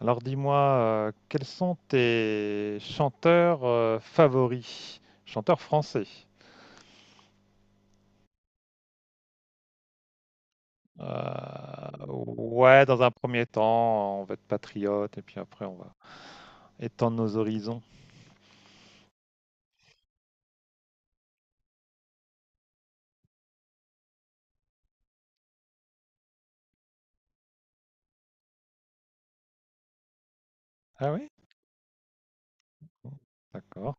Alors dis-moi, quels sont tes chanteurs favoris? Chanteurs français. Ouais, dans un premier temps, on va être patriote et puis après on va étendre nos horizons. Ah oui? Bon, d'accord.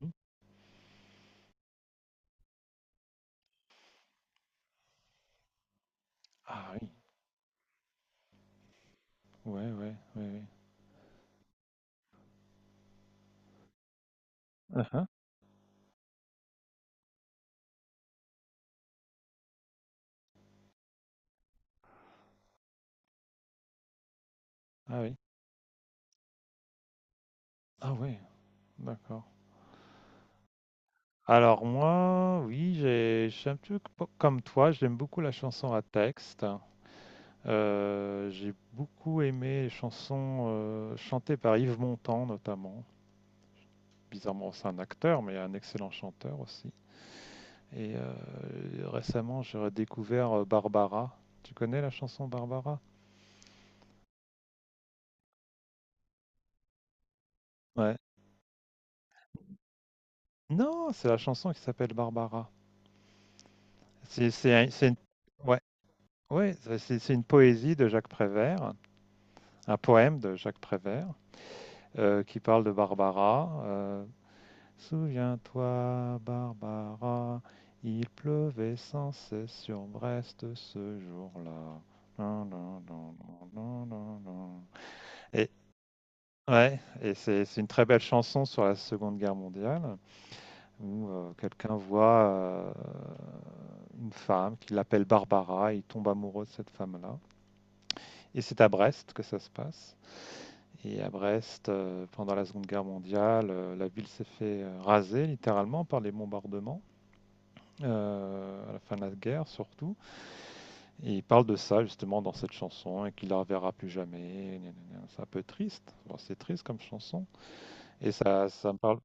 Mhm. Ah oui, ouais, ouais, ouais, ouais. Uh-huh. Ah oui, ah ouais, d'accord. Alors moi, oui, je suis un peu comme toi, j'aime beaucoup la chanson à texte. J'ai beaucoup aimé les chansons chantées par Yves Montand notamment. Bizarrement, c'est un acteur, mais un excellent chanteur aussi. Et récemment, j'ai redécouvert Barbara. Tu connais la chanson Barbara? Ouais. Non, c'est la chanson qui s'appelle Barbara. C'est une. Ouais, ouais, c'est une poésie de Jacques Prévert, un poème de Jacques Prévert, qui parle de Barbara. Souviens-toi, Barbara, il pleuvait sans cesse sur Brest ce jour-là. Nan, nan, nan, nan, nan, nan, nan. Et ouais, et c'est une très belle chanson sur la Seconde Guerre mondiale où quelqu'un voit une femme qui l'appelle Barbara, et il tombe amoureux de cette femme-là. Et c'est à Brest que ça se passe. Et à Brest, pendant la Seconde Guerre mondiale, la ville s'est fait raser littéralement par les bombardements. À la fin de la guerre surtout. Et il parle de ça justement dans cette chanson et qu'il la reverra plus jamais. C'est un peu triste. Bon, c'est triste comme chanson. Et ça me parle.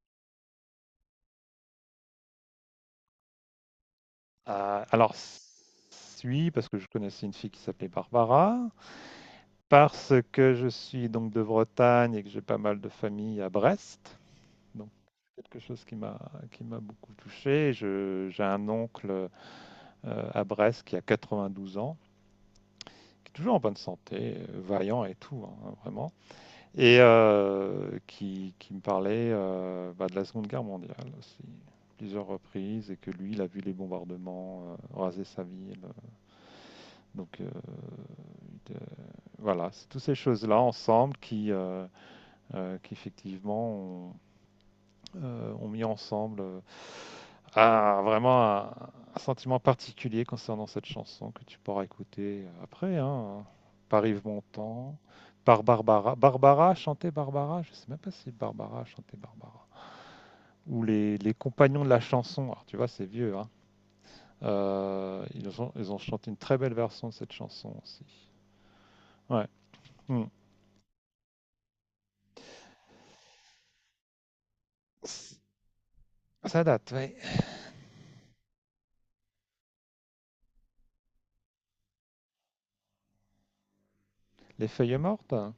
Ah, alors, oui, parce que je connaissais une fille qui s'appelait Barbara, parce que je suis donc de Bretagne et que j'ai pas mal de famille à Brest. Donc. Quelque chose qui m'a beaucoup touché. J'ai un oncle à Brest qui a 92 ans, qui est toujours en bonne santé, vaillant et tout, hein, vraiment. Et qui, me parlait bah, de la Seconde Guerre mondiale aussi, plusieurs reprises, et que lui, il a vu les bombardements raser sa ville. Donc de- voilà, c'est toutes ces choses-là ensemble qui effectivement, ont mis ensemble vraiment un sentiment particulier concernant cette chanson que tu pourras écouter après, hein, par Yves Montand. Par Barbara. Barbara chantait Barbara. Je sais même pas si Barbara chantait Barbara. Où les compagnons de la chanson, alors tu vois, c'est vieux, hein, ils ont chanté une très belle version de cette chanson aussi. Ouais. Hmm. Ça date, ouais. Les feuilles mortes, hein.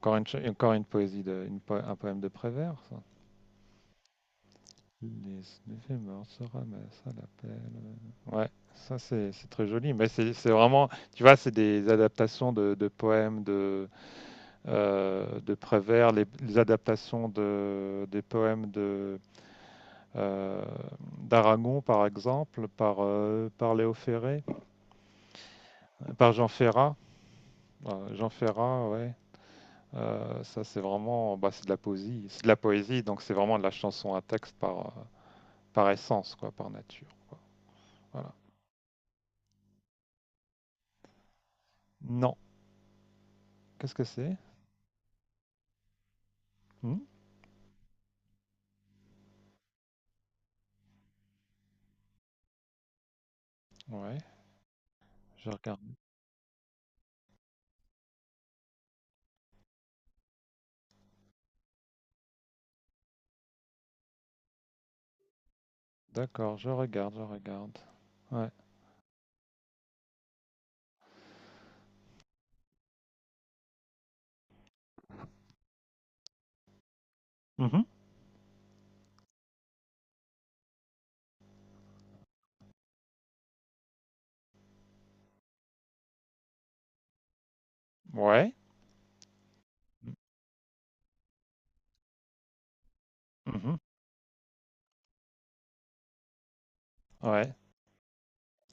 Encore une poésie, un poème de Prévert, ça. Les feuilles mortes se ramassent à l'appel. Ouais, ça c'est très joli, mais c'est vraiment, tu vois, c'est des adaptations de poèmes de Prévert, les adaptations de, des poèmes de euh, d'Aragon, par exemple, par Léo Ferré, par Jean Ferrat. Jean Ferrat, ouais. Ça, c'est vraiment bah, c'est de la poésie. C'est de la poésie, donc c'est vraiment de la chanson à texte par essence, quoi, par nature. Voilà. Non. Qu'est-ce que c'est? Hmm. Ouais, je regarde. D'accord, je regarde, je regarde. Ouais. Mhm. Ouais. Mhm. Ouais.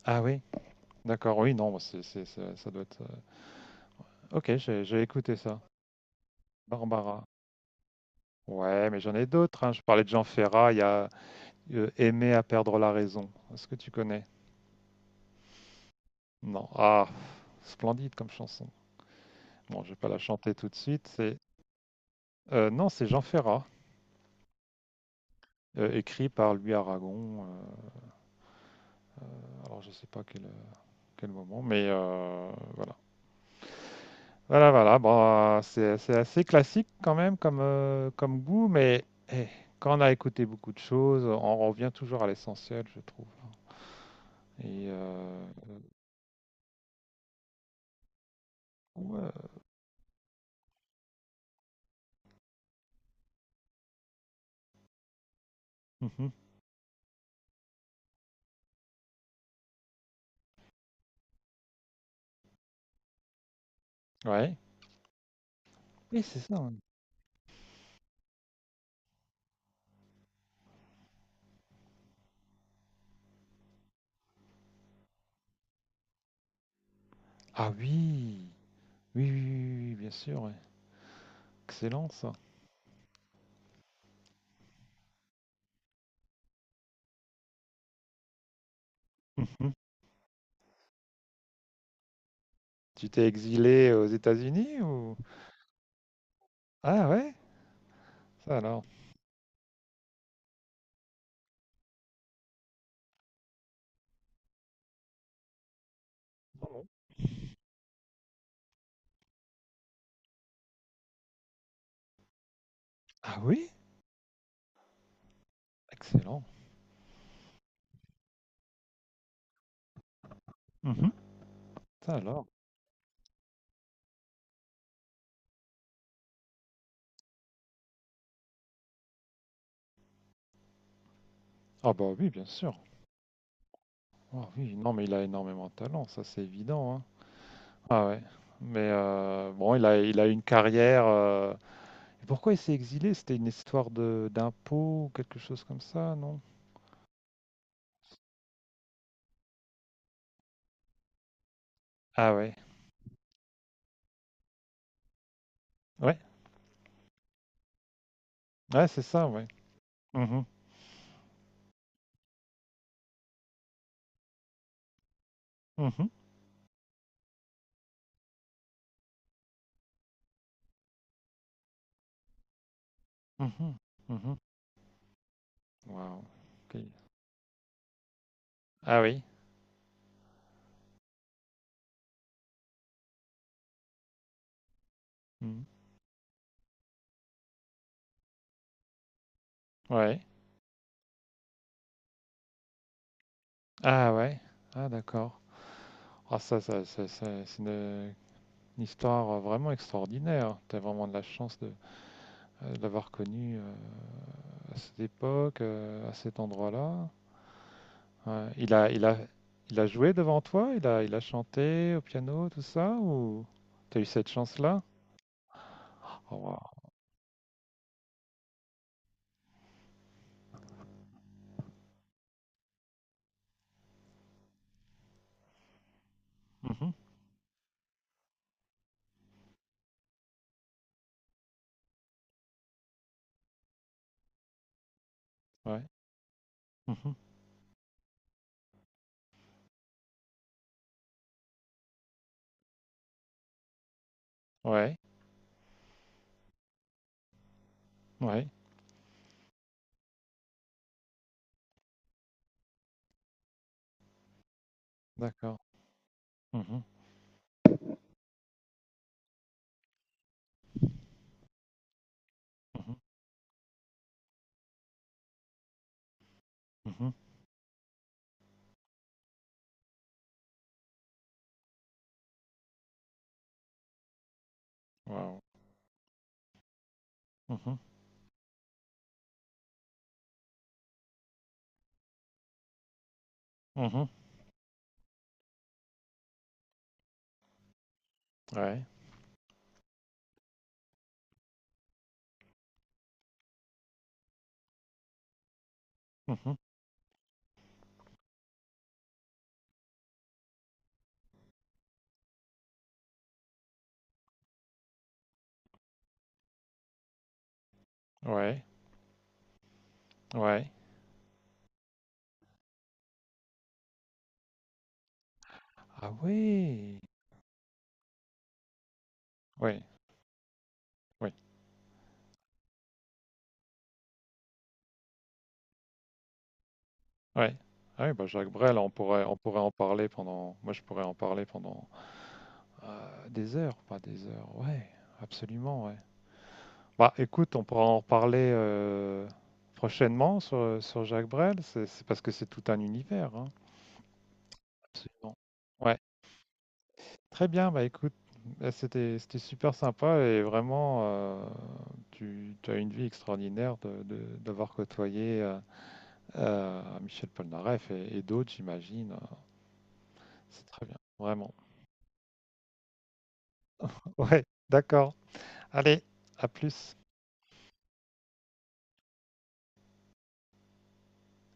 Ah oui, d'accord, oui, non, ça doit être. Ok, j'ai écouté ça. Barbara. Ouais, mais j'en ai d'autres, hein. Je parlais de Jean Ferrat. Il y a Aimer à perdre la raison. Est-ce que tu connais? Non. Ah, splendide comme chanson. Bon, je vais pas la chanter tout de suite. C'est non, c'est Jean Ferrat, écrit par Louis Aragon. Alors je sais pas quel moment, mais voilà. Voilà, voilà. Bon, c'est assez classique quand même comme comme goût, mais eh, quand on a écouté beaucoup de choses, on revient toujours à l'essentiel, je trouve. Et Ouais. Mhm. Ouais. Oui, c'est ça, ouais. Ah oui, oui, oui, oui, oui, oui, bien sûr, ouais. Excellent ça. Mhm. Tu t'es exilé aux États-Unis ou. Ah ouais, ça alors. Ah oui, excellent. Mhm. Ça alors. Ah bah oui, bien sûr. Ah oui, non mais il a énormément de talent, ça c'est évident, hein. Ah ouais. Mais bon, il a une carrière. Et pourquoi il s'est exilé? C'était une histoire de d'impôts ou quelque chose comme ça, non? Ah ouais. Ouais, ouais, c'est ça, ouais. Mhm. Mhm. Mhm, mhm. Waouh, OK. Ah oui. Mmh. Ouais. Ah ouais. Ah d'accord. Ah ça c'est une histoire, vraiment extraordinaire. T'as vraiment de la chance de l'avoir connu, à cette époque, à cet endroit-là. Ouais. Il a joué devant toi? Il a chanté au piano, tout ça ou t'as eu cette chance-là? Oh waouh. Mhm. Ouais. Mhm. Ouais. Ouais. D'accord. Mhm. Mhm. Mhm. Waouh. Mhm. Mhm. Ouais. Mhm. Ouais, ouais. Ah oui! Oui oui, ouais. Ah oui, bah, Jacques Brel, on pourrait en parler pendant moi, je pourrais en parler pendant, des heures, pas des heures. Ouais, absolument, ouais. Bah, écoute, on pourra en reparler, prochainement sur Jacques Brel. C'est parce que c'est tout un univers, hein. Absolument. Ouais. Très bien, bah écoute, là, c'était super sympa et vraiment, tu as une vie extraordinaire d'avoir côtoyé Michel Polnareff et d'autres, j'imagine. C'est très bien, vraiment. Ouais, d'accord. Allez, à plus.